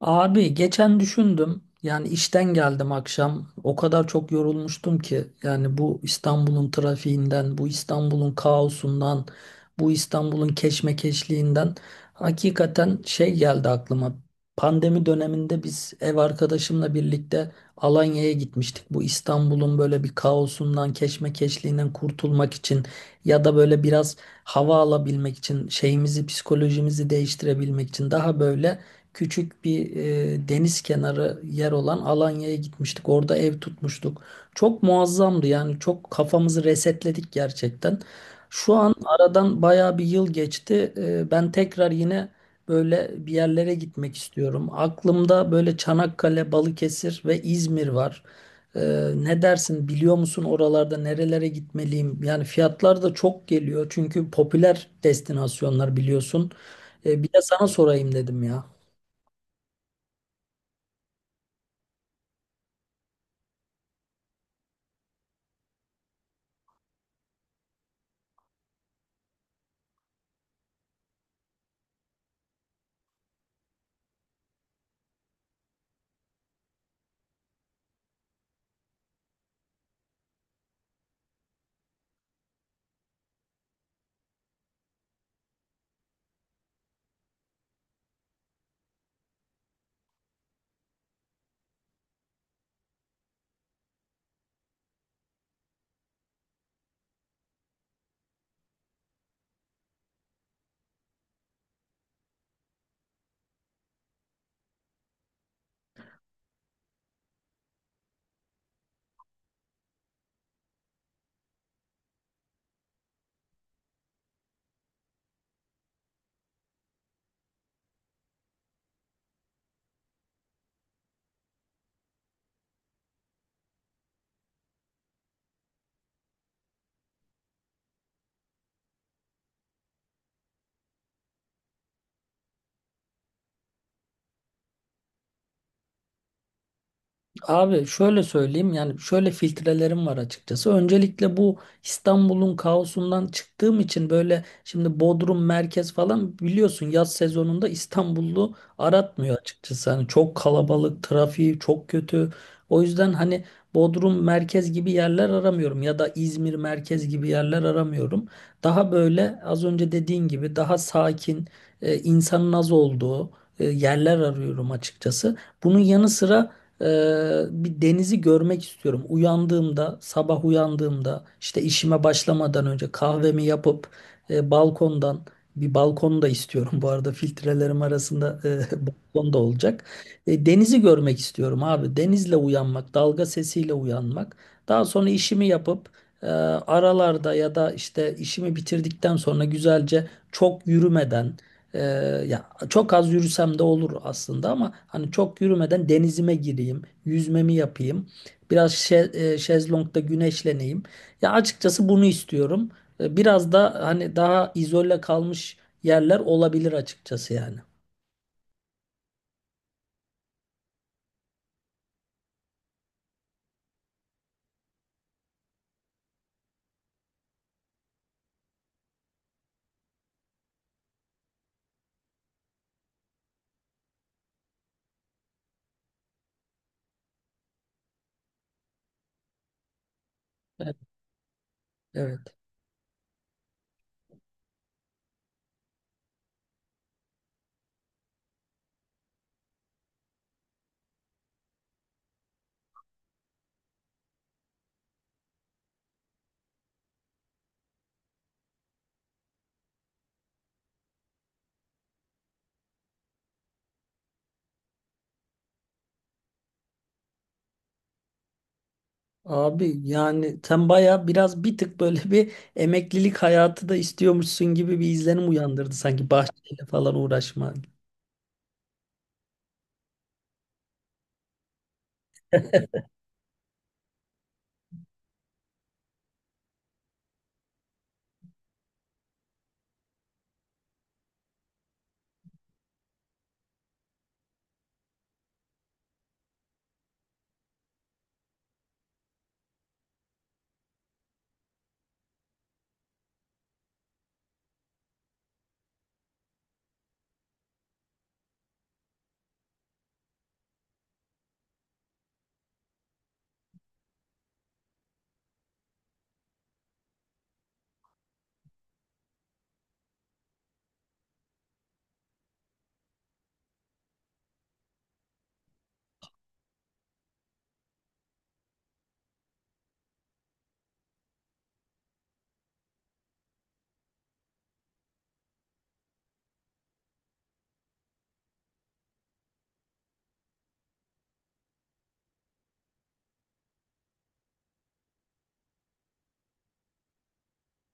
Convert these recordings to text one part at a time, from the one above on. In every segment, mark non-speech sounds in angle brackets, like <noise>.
Abi geçen düşündüm. İşten geldim akşam. O kadar çok yorulmuştum ki. Yani bu İstanbul'un trafiğinden, bu İstanbul'un kaosundan, bu İstanbul'un keşmekeşliğinden hakikaten şey geldi aklıma. Pandemi döneminde biz ev arkadaşımla birlikte Alanya'ya gitmiştik. Bu İstanbul'un böyle bir kaosundan, keşmekeşliğinden kurtulmak için ya da böyle biraz hava alabilmek için, şeyimizi, psikolojimizi değiştirebilmek için daha böyle küçük bir deniz kenarı yer olan Alanya'ya gitmiştik. Orada ev tutmuştuk. Çok muazzamdı, yani çok kafamızı resetledik gerçekten. Şu an aradan baya bir yıl geçti. Ben tekrar yine böyle bir yerlere gitmek istiyorum. Aklımda böyle Çanakkale, Balıkesir ve İzmir var. E, Ne dersin, biliyor musun oralarda nerelere gitmeliyim? Yani fiyatlar da çok geliyor, çünkü popüler destinasyonlar, biliyorsun. Bir de sana sorayım dedim ya. Abi şöyle söyleyeyim, yani şöyle filtrelerim var açıkçası. Öncelikle bu İstanbul'un kaosundan çıktığım için böyle, şimdi Bodrum merkez falan biliyorsun, yaz sezonunda İstanbullu aratmıyor açıkçası. Hani çok kalabalık, trafiği çok kötü. O yüzden hani Bodrum merkez gibi yerler aramıyorum ya da İzmir merkez gibi yerler aramıyorum. Daha böyle az önce dediğin gibi daha sakin, insanın az olduğu yerler arıyorum açıkçası. Bunun yanı sıra bir denizi görmek istiyorum. Uyandığımda, sabah uyandığımda işte işime başlamadan önce kahvemi yapıp balkondan, bir balkon da istiyorum. <laughs> Bu arada filtrelerim arasında <laughs> balkon da olacak. Denizi görmek istiyorum abi. Denizle uyanmak, dalga sesiyle uyanmak. Daha sonra işimi yapıp e, aralarda ya da işte işimi bitirdikten sonra güzelce çok yürümeden, e, ya çok az yürüsem de olur aslında, ama hani çok yürümeden denizime gireyim, yüzmemi yapayım, biraz şezlongda güneşleneyim. Ya açıkçası bunu istiyorum. Biraz da hani daha izole kalmış yerler olabilir açıkçası yani. Evet. Evet. Abi yani sen baya biraz bir tık böyle bir emeklilik hayatı da istiyormuşsun gibi bir izlenim uyandırdı, sanki bahçeyle falan uğraşma.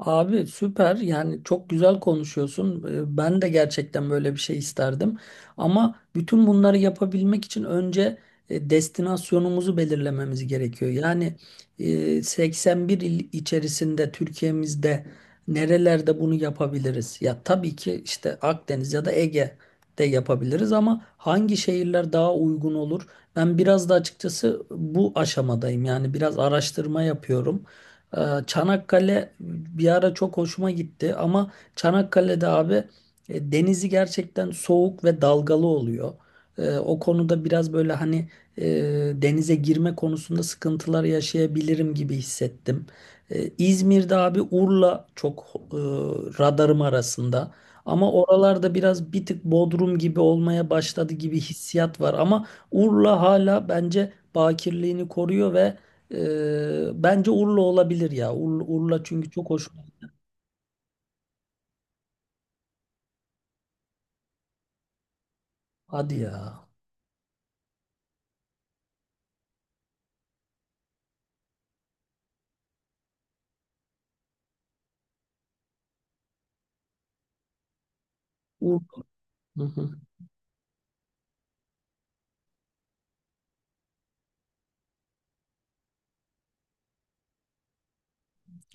Abi süper, yani çok güzel konuşuyorsun. Ben de gerçekten böyle bir şey isterdim. Ama bütün bunları yapabilmek için önce destinasyonumuzu belirlememiz gerekiyor. Yani 81 il içerisinde Türkiye'mizde nerelerde bunu yapabiliriz? Ya tabii ki işte Akdeniz ya da Ege'de yapabiliriz ama hangi şehirler daha uygun olur? Ben biraz da açıkçası bu aşamadayım. Yani biraz araştırma yapıyorum. Ee, Çanakkale bir ara çok hoşuma gitti, ama Çanakkale'de abi denizi gerçekten soğuk ve dalgalı oluyor. O konuda biraz böyle hani e, denize girme konusunda sıkıntılar yaşayabilirim gibi hissettim. İzmir'de abi Urla çok e, radarım arasında. Ama oralarda biraz bir tık Bodrum gibi olmaya başladı gibi hissiyat var. Ama Urla hala bence bakirliğini koruyor ve bence Urla olabilir ya. Urla, Urla çünkü çok hoş. Hadi ya. Urla. Hı hı.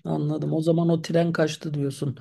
Anladım. O zaman o tren kaçtı diyorsun.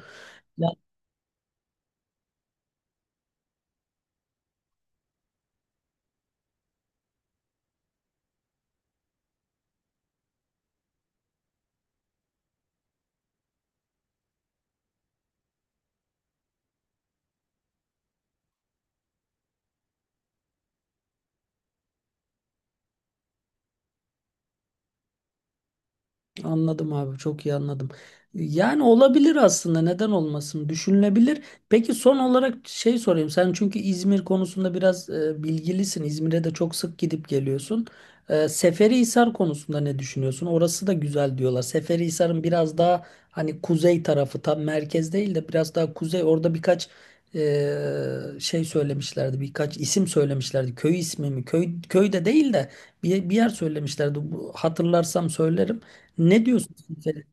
Anladım abi, çok iyi anladım. Yani olabilir aslında, neden olmasın, düşünülebilir. Peki son olarak şey sorayım, sen çünkü İzmir konusunda biraz bilgilisin. İzmir'e de çok sık gidip geliyorsun. Seferihisar konusunda ne düşünüyorsun? Orası da güzel diyorlar. Seferihisar'ın biraz daha hani kuzey tarafı, tam merkez değil de biraz daha kuzey, orada birkaç şey söylemişlerdi, birkaç isim söylemişlerdi, köy ismi mi, köy, köy de değil de bir yer söylemişlerdi. Bu- hatırlarsam söylerim. Ne diyorsun sen Selim?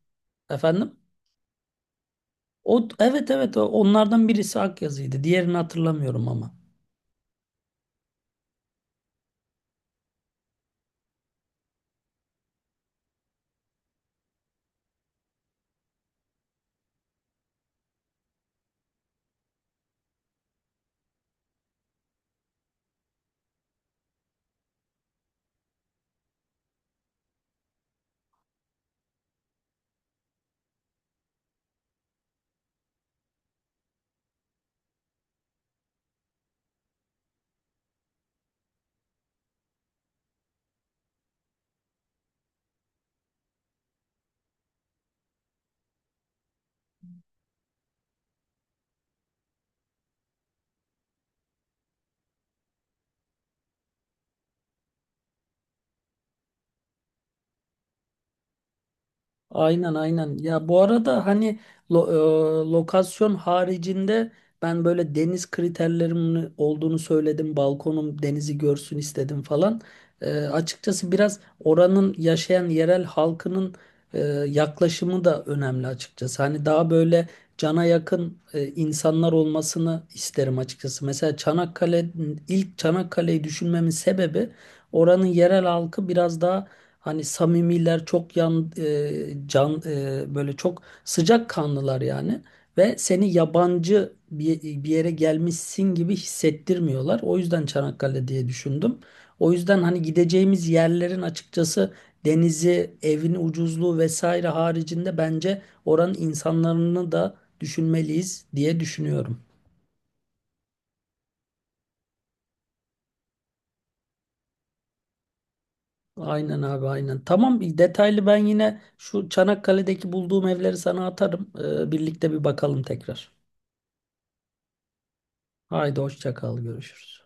Efendim? O, evet evet, o- onlardan birisi Akyazı'ydı. Diğerini hatırlamıyorum ama. Aynen aynen. Ya bu arada hani lo- lokasyon haricinde ben böyle deniz kriterlerimin olduğunu söyledim. Balkonum denizi görsün istedim falan. Açıkçası biraz oranın yaşayan yerel halkının e, yaklaşımı da önemli açıkçası. Hani daha böyle cana yakın insanlar olmasını isterim açıkçası. Mesela Çanakkale, ilk Çanakkale'yi düşünmemin sebebi oranın yerel halkı biraz daha, hani samimiler, çok böyle çok sıcak kanlılar yani, ve seni yabancı bir yere gelmişsin gibi hissettirmiyorlar. O yüzden Çanakkale diye düşündüm. O yüzden hani gideceğimiz yerlerin açıkçası denizi, evin ucuzluğu vesaire haricinde bence oranın insanlarını da düşünmeliyiz diye düşünüyorum. Aynen abi aynen. Tamam, detaylı ben yine şu Çanakkale'deki bulduğum evleri sana atarım. Birlikte bir bakalım tekrar. Haydi hoşça kal, görüşürüz.